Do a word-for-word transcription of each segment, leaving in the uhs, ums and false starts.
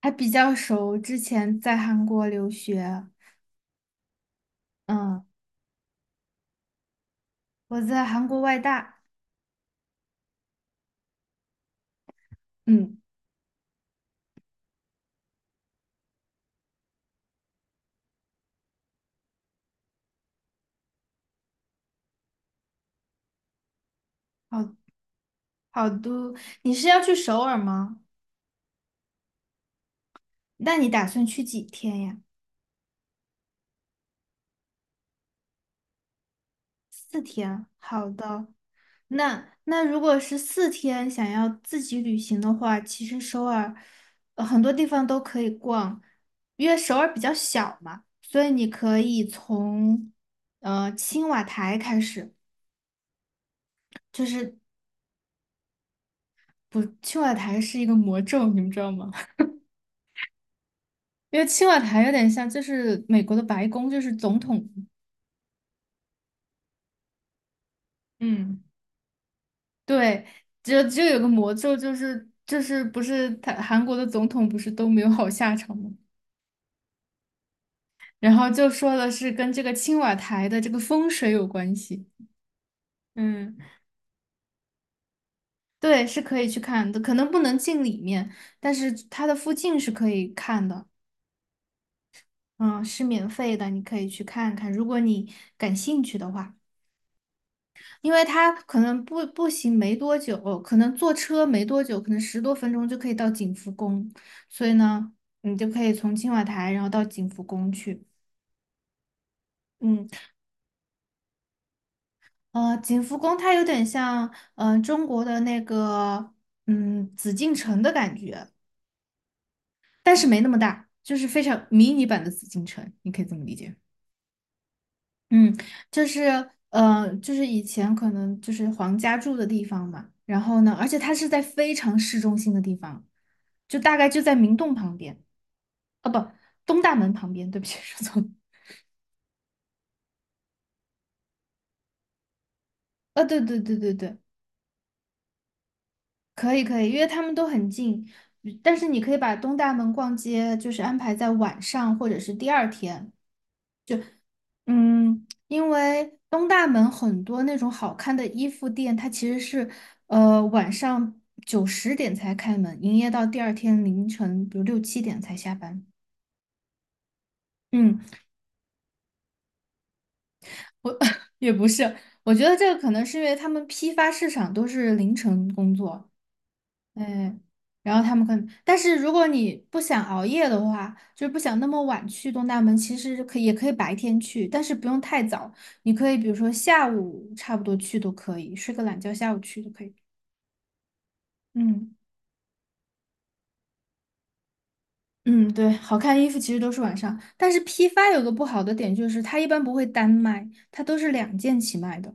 还比较熟，之前在韩国留学，嗯，我在韩国外大。嗯，好，好多。你是要去首尔吗？那你打算去几天呀？四天啊。好的，那那如果是四天想要自己旅行的话，其实首尔，呃很多地方都可以逛，因为首尔比较小嘛，所以你可以从呃青瓦台开始。就是不，青瓦台是一个魔咒，你们知道吗？因为青瓦台有点像，就是美国的白宫，就是总统。嗯，对，就就有个魔咒，就是就是不是他韩国的总统不是都没有好下场吗？然后就说的是跟这个青瓦台的这个风水有关系。嗯，对，是可以去看的，可能不能进里面，但是它的附近是可以看的。嗯，是免费的，你可以去看看，如果你感兴趣的话。因为它可能步步行没多久，可能坐车没多久，可能十多分钟就可以到景福宫，所以呢，你就可以从青瓦台然后到景福宫去。嗯，呃，景福宫它有点像，嗯，中国的那个，嗯，紫禁城的感觉，但是没那么大，就是非常迷你版的紫禁城，你可以这么理解。嗯，就是呃，就是以前可能就是皇家住的地方嘛，然后呢，而且它是在非常市中心的地方，就大概就在明洞旁边。啊，不，东大门旁边，对不起，说错了。啊，对对对对对，可以可以，因为他们都很近，但是你可以把东大门逛街就是安排在晚上或者是第二天。嗯，因为东大门很多那种好看的衣服店，它其实是呃晚上九十点才开门，营业到第二天凌晨，比如六七点才下班。嗯，我 也不是。我觉得这个可能是因为他们批发市场都是凌晨工作。嗯，然后他们可能，但是如果你不想熬夜的话，就是不想那么晚去东大门，其实可以也可以白天去，但是不用太早。你可以比如说下午差不多去都可以，睡个懒觉，下午去都可以。嗯嗯，对，好看的衣服其实都是晚上，但是批发有个不好的点就是它一般不会单卖，它都是两件起卖的，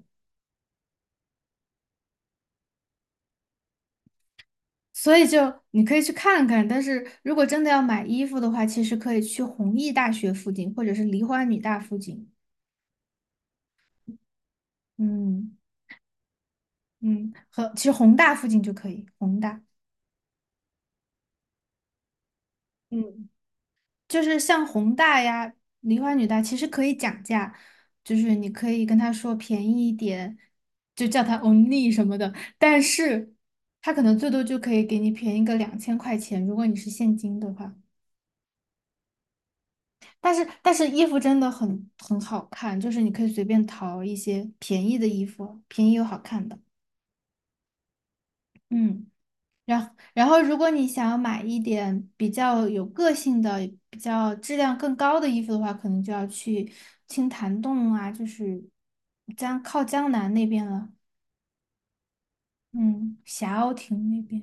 所以就你可以去看看。但是如果真的要买衣服的话，其实可以去弘毅大学附近或者是梨花女大附近。嗯。嗯，和其实宏大附近就可以，宏大嗯，就是像宏大呀、梨花女大，其实可以讲价，就是你可以跟他说便宜一点，就叫他 only 什么的，但是他可能最多就可以给你便宜个两千块钱，如果你是现金的话。但是但是衣服真的很很好看，就是你可以随便淘一些便宜的衣服，便宜又好看的。嗯。然然后，如果你想要买一点比较有个性的、比较质量更高的衣服的话，可能就要去青潭洞啊，就是江靠江南那边了。嗯，霞鸥亭那边。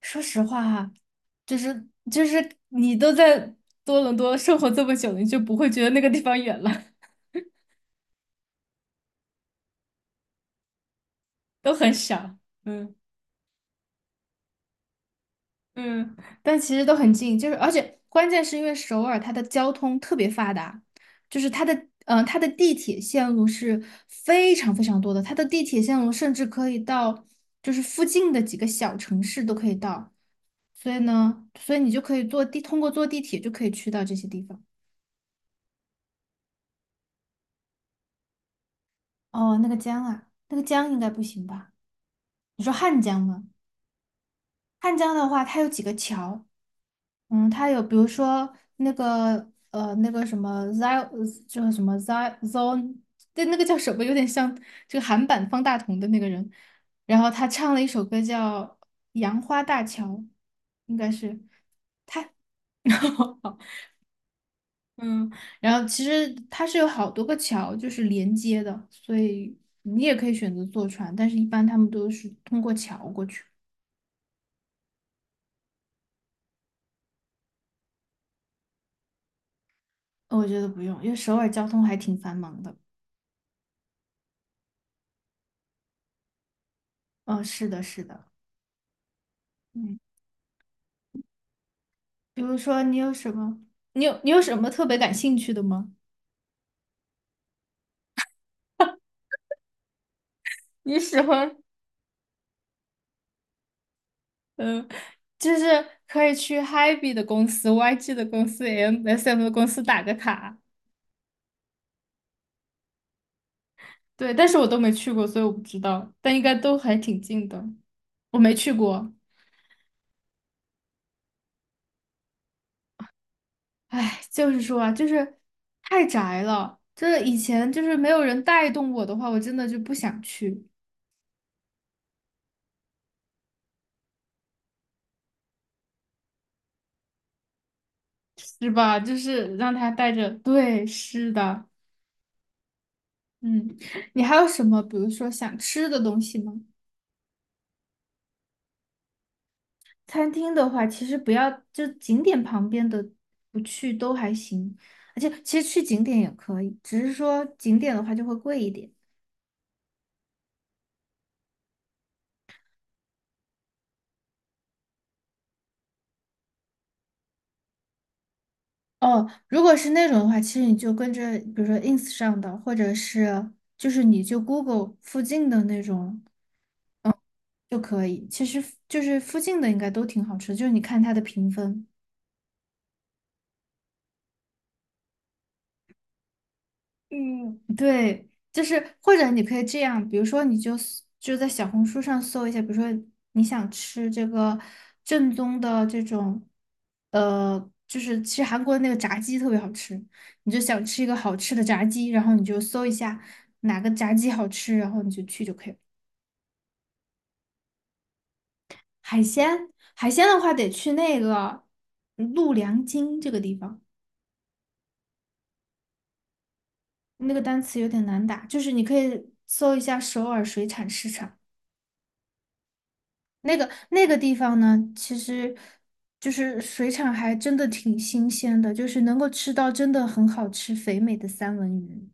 说实话哈，就是就是你都在多伦多生活这么久了，你就不会觉得那个地方远了，都很小。嗯。嗯，但其实都很近，就是而且关键是因为首尔它的交通特别发达，就是它的嗯、呃它的地铁线路是非常非常多的，它的地铁线路甚至可以到就是附近的几个小城市都可以到。所以呢，所以你就可以坐地通过坐地铁就可以去到这些地方。哦，那个江啊，那个江应该不行吧？你说汉江吗？汉江的话，它有几个桥。嗯，他有比如说那个呃那个什么 Zio， 就是什么 z i Zone，对，那个叫什么，有点像这个韩版方大同的那个人，然后他唱了一首歌叫《杨花大桥》，应该是。 嗯，然后其实它是有好多个桥就是连接的，所以你也可以选择坐船，但是一般他们都是通过桥过去。呃我觉得不用，因为首尔交通还挺繁忙的。嗯，是的，是的。嗯。比如说，你有什么？你有你有什么特别感兴趣的吗？你喜欢。嗯，就是可以去 Hebe 的公司、Y G 的公司、M S M 的公司打个卡。对，但是我都没去过，所以我不知道，但应该都还挺近的。我没去过。唉，就是说啊，就是太宅了。就是以前就是没有人带动我的话，我真的就不想去，是吧？就是让他带着，对，是的，嗯。你还有什么，比如说想吃的东西吗？餐厅的话，其实不要就景点旁边的不去都还行，而且其实去景点也可以，只是说景点的话就会贵一点。哦，如果是那种的话，其实你就跟着，比如说 ins 上的，或者是就是你就 Google 附近的那种就可以。其实就是附近的应该都挺好吃的，就是你看它的评分。嗯，对，就是或者你可以这样，比如说你就 s- 就在小红书上搜一下，比如说你想吃这个正宗的这种。呃，就是其实韩国的那个炸鸡特别好吃，你就想吃一个好吃的炸鸡，然后你就搜一下哪个炸鸡好吃，然后你就去就可以了。海鲜，海鲜的话得去那个陆良京这个地方。那个单词有点难打，就是你可以搜一下首尔水产市场。那个那个地方呢，其实就是水产还真的挺新鲜的，就是能够吃到真的很好吃肥美的三文鱼。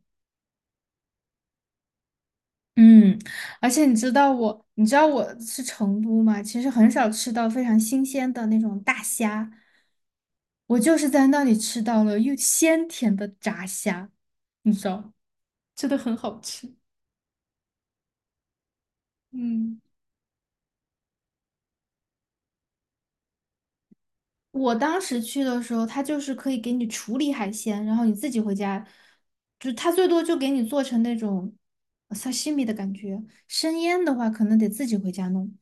嗯，而且你知道我，你知道我是成都嘛，其实很少吃到非常新鲜的那种大虾，我就是在那里吃到了又鲜甜的炸虾，你知道，真的很好吃。嗯。我当时去的时候，他就是可以给你处理海鲜，然后你自己回家。就他最多就给你做成那种呃 sashimi 的感觉，生腌的话可能得自己回家弄。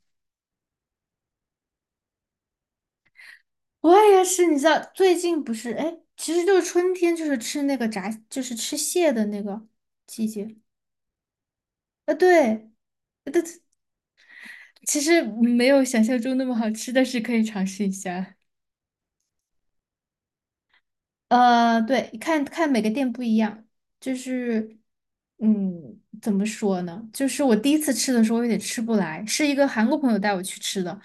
我也是，你知道最近不是，哎，其实就是春天，就是吃那个炸，就是吃蟹的那个季节。啊，对，对，其实没有想象中那么好吃，但是可以尝试一下。呃，对，看看每个店不一样。就是，嗯，怎么说呢？就是我第一次吃的时候有点吃不来，是一个韩国朋友带我去吃的。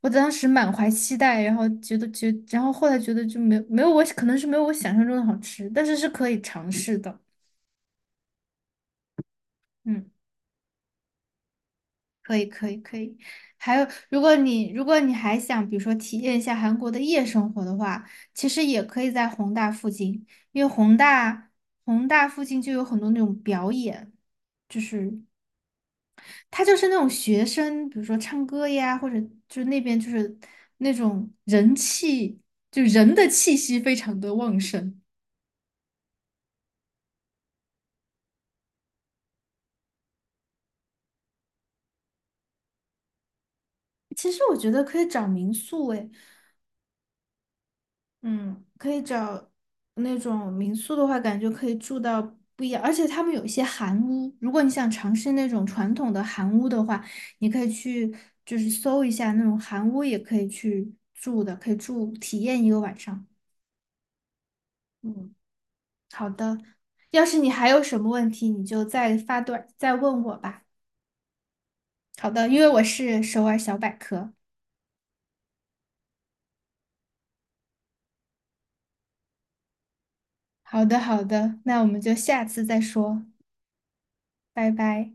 我当时满怀期待，然后觉得觉，然后后来觉得就没有没有，我可能是没有我想象中的好吃，但是是可以尝试的。嗯。可以，可以，可以。还有，如果你如果你还想，比如说体验一下韩国的夜生活的话，其实也可以在弘大附近，因为弘大弘大附近就有很多那种表演，就是它就是那种学生，比如说唱歌呀，或者就是那边就是那种人气，就人的气息非常的旺盛。其实我觉得可以找民宿，诶，嗯，可以找那种民宿的话，感觉可以住到不一样，而且他们有一些韩屋，如果你想尝试那种传统的韩屋的话，你可以去就是搜一下那种韩屋，也可以去住的，可以住体验一个晚上。嗯，好的，要是你还有什么问题，你就再发短再问我吧。好的，因为我是首尔小百科。好的，好的，那我们就下次再说，拜拜。